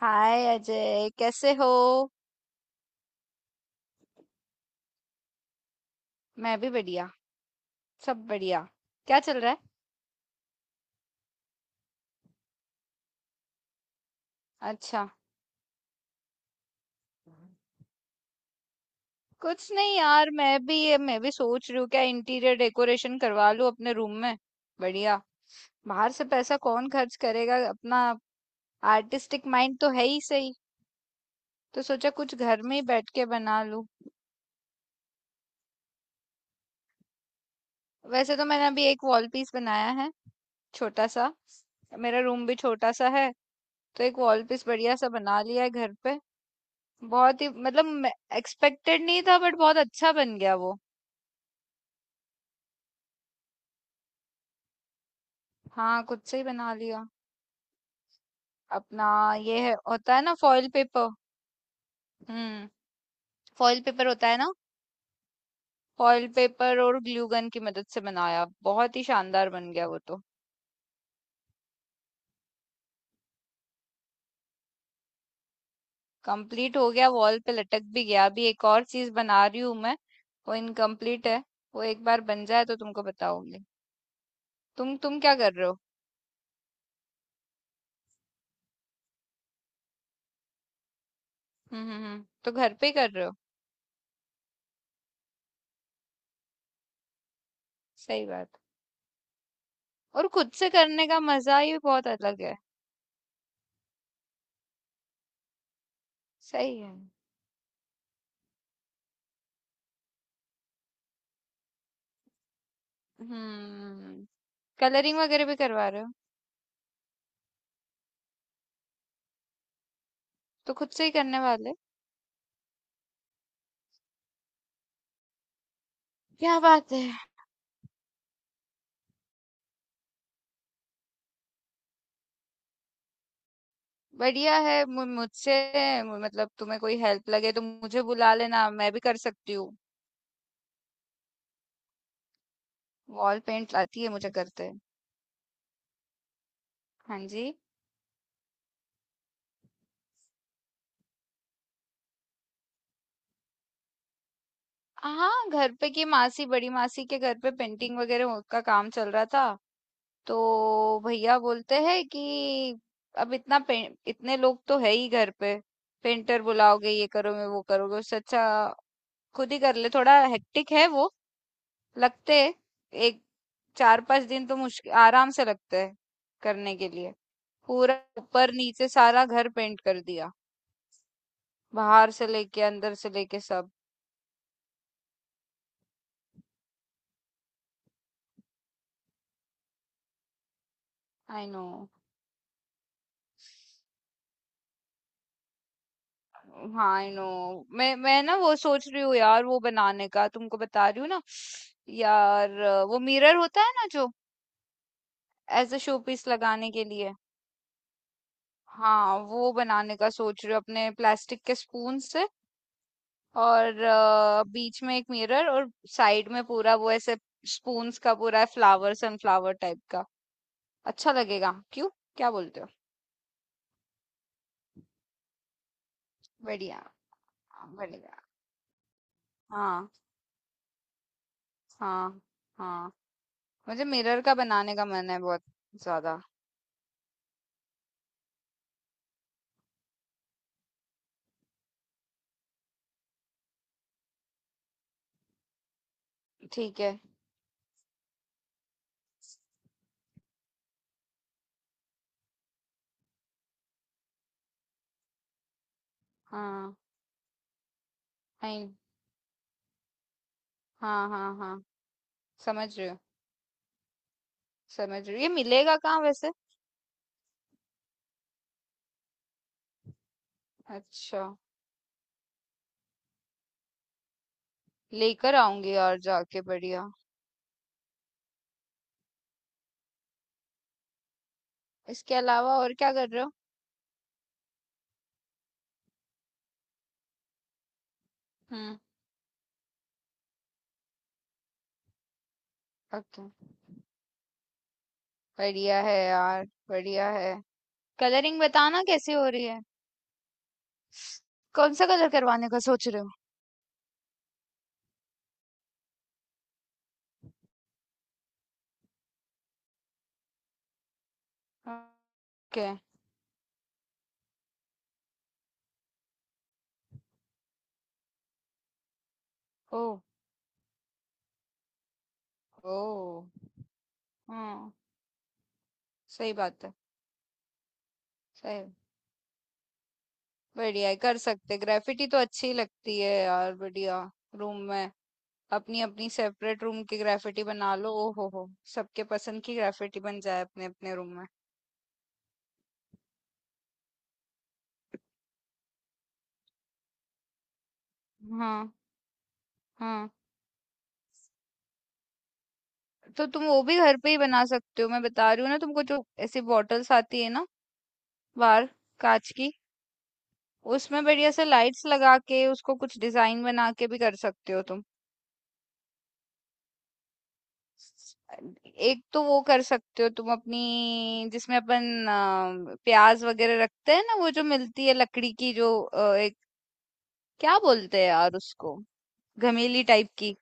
हाय अजय, कैसे हो। मैं भी बढ़िया। सब बढ़िया। क्या चल रहा है। अच्छा। कुछ नहीं यार, मैं भी सोच रही हूँ क्या इंटीरियर डेकोरेशन करवा लूँ अपने रूम में। बढ़िया। बाहर से पैसा कौन खर्च करेगा अपना। आर्टिस्टिक माइंड तो है ही सही। तो सोचा कुछ घर में ही बैठ के बना लूँ। वैसे तो मैंने अभी एक वॉल पीस बनाया है, छोटा सा। मेरा रूम भी छोटा सा है। तो एक वॉल पीस बढ़िया सा बना लिया है घर पे। बहुत ही मतलब एक्सपेक्टेड नहीं था, बट बहुत अच्छा बन गया वो। हाँ, खुद से ही बना लिया अपना। ये है, होता है ना फॉइल पेपर। हम्म। फॉइल पेपर होता है ना। फॉइल पेपर और ग्लू गन की मदद से बनाया, बहुत ही शानदार बन गया वो तो। कंप्लीट हो गया, वॉल पे लटक भी गया। अभी एक और चीज बना रही हूँ मैं। वो इनकम्प्लीट है। वो एक बार बन जाए तो तुमको बताऊंगी। तुम क्या कर रहे हो। हम्म, तो घर पे ही कर रहे हो। सही बात। और खुद से करने का मजा ही बहुत अलग है। सही है। हम्म। कलरिंग वगैरह भी करवा रहे हो। तो खुद से ही करने वाले। क्या बात है। बढ़िया है। मुझसे मतलब तुम्हें कोई हेल्प लगे तो मुझे बुला लेना, मैं भी कर सकती हूँ। वॉल पेंट आती है मुझे करते। हाँ जी। हाँ, घर पे की। मासी, बड़ी मासी के घर पे पेंटिंग वगैरह का काम चल रहा था। तो भैया बोलते हैं कि अब इतने लोग तो है ही घर पे, पेंटर बुलाओगे, ये करोगे, वो करोगे, उससे अच्छा खुद ही कर ले। थोड़ा हेक्टिक है वो, लगते हैं, एक चार पांच दिन तो मुश्किल आराम से लगते हैं करने के लिए। पूरा ऊपर नीचे सारा घर पेंट कर दिया, बाहर से लेके अंदर से लेके सब। I know. हाँ आई नो। मैं ना वो सोच रही हूँ यार, वो बनाने का तुमको बता रही हूँ ना यार, वो मिरर होता है ना जो एज अ शो पीस लगाने के लिए। हाँ, वो बनाने का सोच रही हूँ अपने प्लास्टिक के स्पून से। और बीच में एक मिरर और साइड में पूरा वो ऐसे स्पून्स का पूरा फ्लावर सनफ्लावर टाइप का। अच्छा लगेगा क्यों, क्या बोलते हो। बढ़िया। बढ़िया। हाँ हाँ हाँ। मुझे मिरर का बनाने का मन है बहुत ज्यादा। ठीक है। हाँ। नहीं। हाँ हाँ हाँ। समझ रही हूँ। समझ रही हूँ ये मिलेगा कहाँ वैसे। अच्छा। लेकर आऊंगी यार जाके। बढ़िया। इसके अलावा और क्या कर रहे हो। हम्म। ओके। बढ़िया है यार, बढ़िया है। कलरिंग बताना कैसे हो रही है। कौन सा कलर करवाने का सोच रहे हो। ओके। ओ। ओ। हाँ। सही बात है। सही। बढ़िया है, कर सकते। ग्रेफिटी तो अच्छी लगती है यार, बढ़िया। रूम में अपनी अपनी सेपरेट रूम की ग्रेफिटी बना लो। ओ हो हो। सबके पसंद की ग्रेफिटी बन जाए अपने अपने रूम में। हाँ। हाँ। तो तुम वो भी घर पे ही बना सकते हो। मैं बता रही हूँ ना तुमको, जो ऐसी बॉटल्स आती है ना बाहर, कांच की। उसमें बढ़िया से लाइट्स लगा के, उसको कुछ डिजाइन बना के भी कर सकते हो तुम। एक तो वो कर सकते हो तुम अपनी, जिसमें अपन प्याज वगैरह रखते हैं ना, वो जो मिलती है लकड़ी की जो एक क्या बोलते हैं यार उसको, घमेली टाइप की।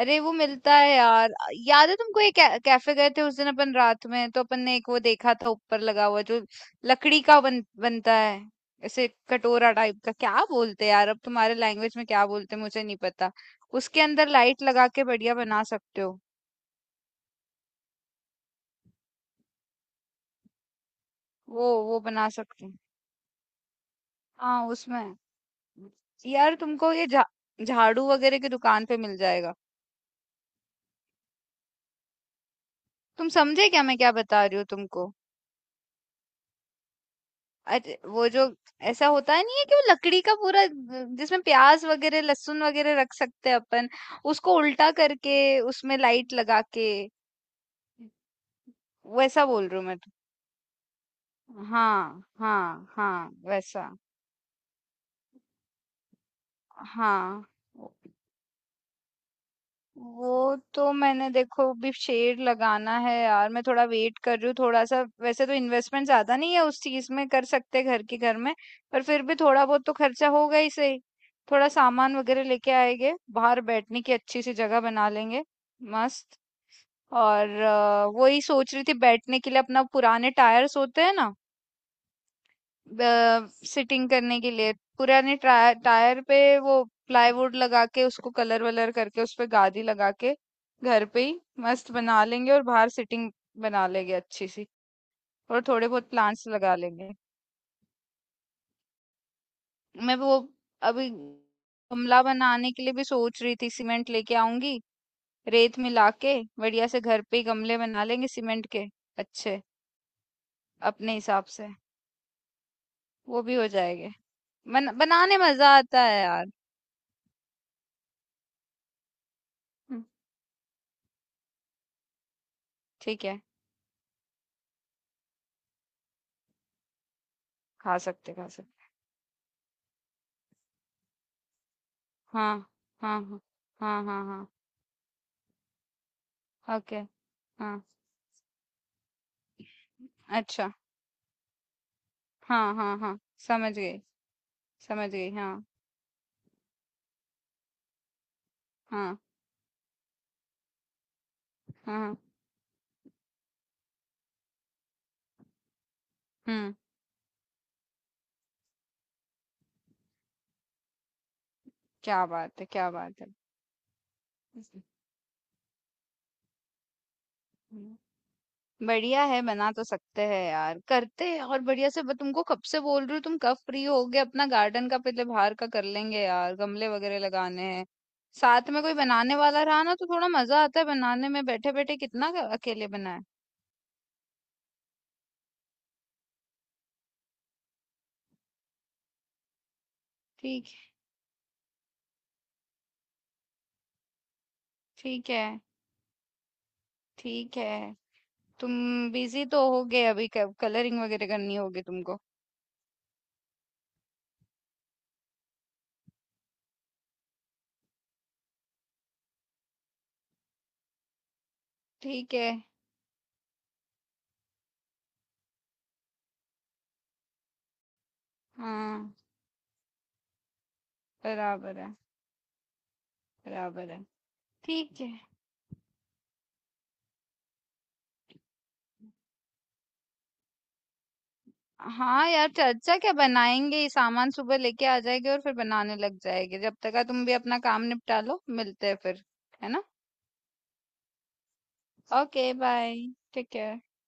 अरे वो मिलता है यार। याद है तुमको, एक कैफे गए थे उस दिन अपन रात में, तो अपन ने एक वो देखा था ऊपर लगा हुआ, जो लकड़ी का बनता है ऐसे कटोरा टाइप का, क्या बोलते हैं यार अब तुम्हारे लैंग्वेज में, क्या बोलते हैं मुझे नहीं पता। उसके अंदर लाइट लगा के बढ़िया बना सकते हो। वो बना सकते हो। हाँ उसमें। यार तुमको ये झाड़ू वगैरह की दुकान पे मिल जाएगा। तुम समझे क्या मैं क्या बता रही हूँ तुमको। अरे वो जो ऐसा होता है, नहीं है कि वो लकड़ी का पूरा जिसमें प्याज वगैरह लहसुन वगैरह रख सकते हैं अपन, उसको उल्टा करके उसमें लाइट लगा के, वैसा बोल रही हूँ मैं तो। हाँ हाँ हाँ वैसा। हाँ, वो तो मैंने, देखो भी शेड लगाना है यार। मैं थोड़ा वेट कर रही हूँ थोड़ा सा। वैसे तो इन्वेस्टमेंट ज्यादा नहीं है उस चीज में, कर सकते घर के घर में, पर फिर भी थोड़ा बहुत तो खर्चा होगा ही सही। थोड़ा सामान वगैरह लेके आएंगे, बाहर बैठने की अच्छी सी जगह बना लेंगे मस्त। और वही सोच रही थी, बैठने के लिए अपना पुराने टायर्स होते हैं ना, सिटिंग करने के लिए पुराने टायर पे वो प्लाईवुड लगा के उसको कलर वलर करके उस पे गादी लगा के घर पे ही मस्त बना लेंगे, और बाहर सिटिंग बना लेंगे अच्छी सी। और थोड़े बहुत प्लांट्स लगा लेंगे। मैं वो अभी गमला बनाने के लिए भी सोच रही थी, सीमेंट लेके आऊंगी, रेत मिला के बढ़िया से घर पे ही गमले बना लेंगे सीमेंट के, अच्छे, अपने हिसाब से। वो भी हो जाएंगे। बनाने मजा आता है यार। हम्म, ठीक है। खा सकते, खा सकते। हाँ, हाँ, हाँ। हाँ, हाँ, हाँ। ओके, हाँ। अच्छा, हाँ, हाँ, हाँ। समझ गई, समझ गई। हाँ, हाँ, हाँ, हाँ। हुँ, क्या बात है, क्या बात है। हम्म, बढ़िया है, बना तो सकते हैं यार। करते हैं और बढ़िया से। मैं तुमको कब से बोल रही हूँ, तुम कब फ्री होगे। अपना गार्डन का पहले बाहर का कर लेंगे यार, गमले वगैरह लगाने हैं। साथ में कोई बनाने वाला रहा ना तो थोड़ा मज़ा आता है बनाने में, बैठे-बैठे कितना अकेले बनाएँ। ठीक ठीक है, ठीक है। तुम बिजी तो होगे अभी, कलरिंग वगैरह करनी होगी तुमको। ठीक है। हाँ। बराबर है। बराबर है। ठीक है। हाँ यार, चर्चा क्या, बनाएंगे ये सामान सुबह लेके आ जाएंगे और फिर बनाने लग जाएंगे। जब तक का तुम भी अपना काम निपटा लो, मिलते हैं फिर। है ना। Okay bye. Take care.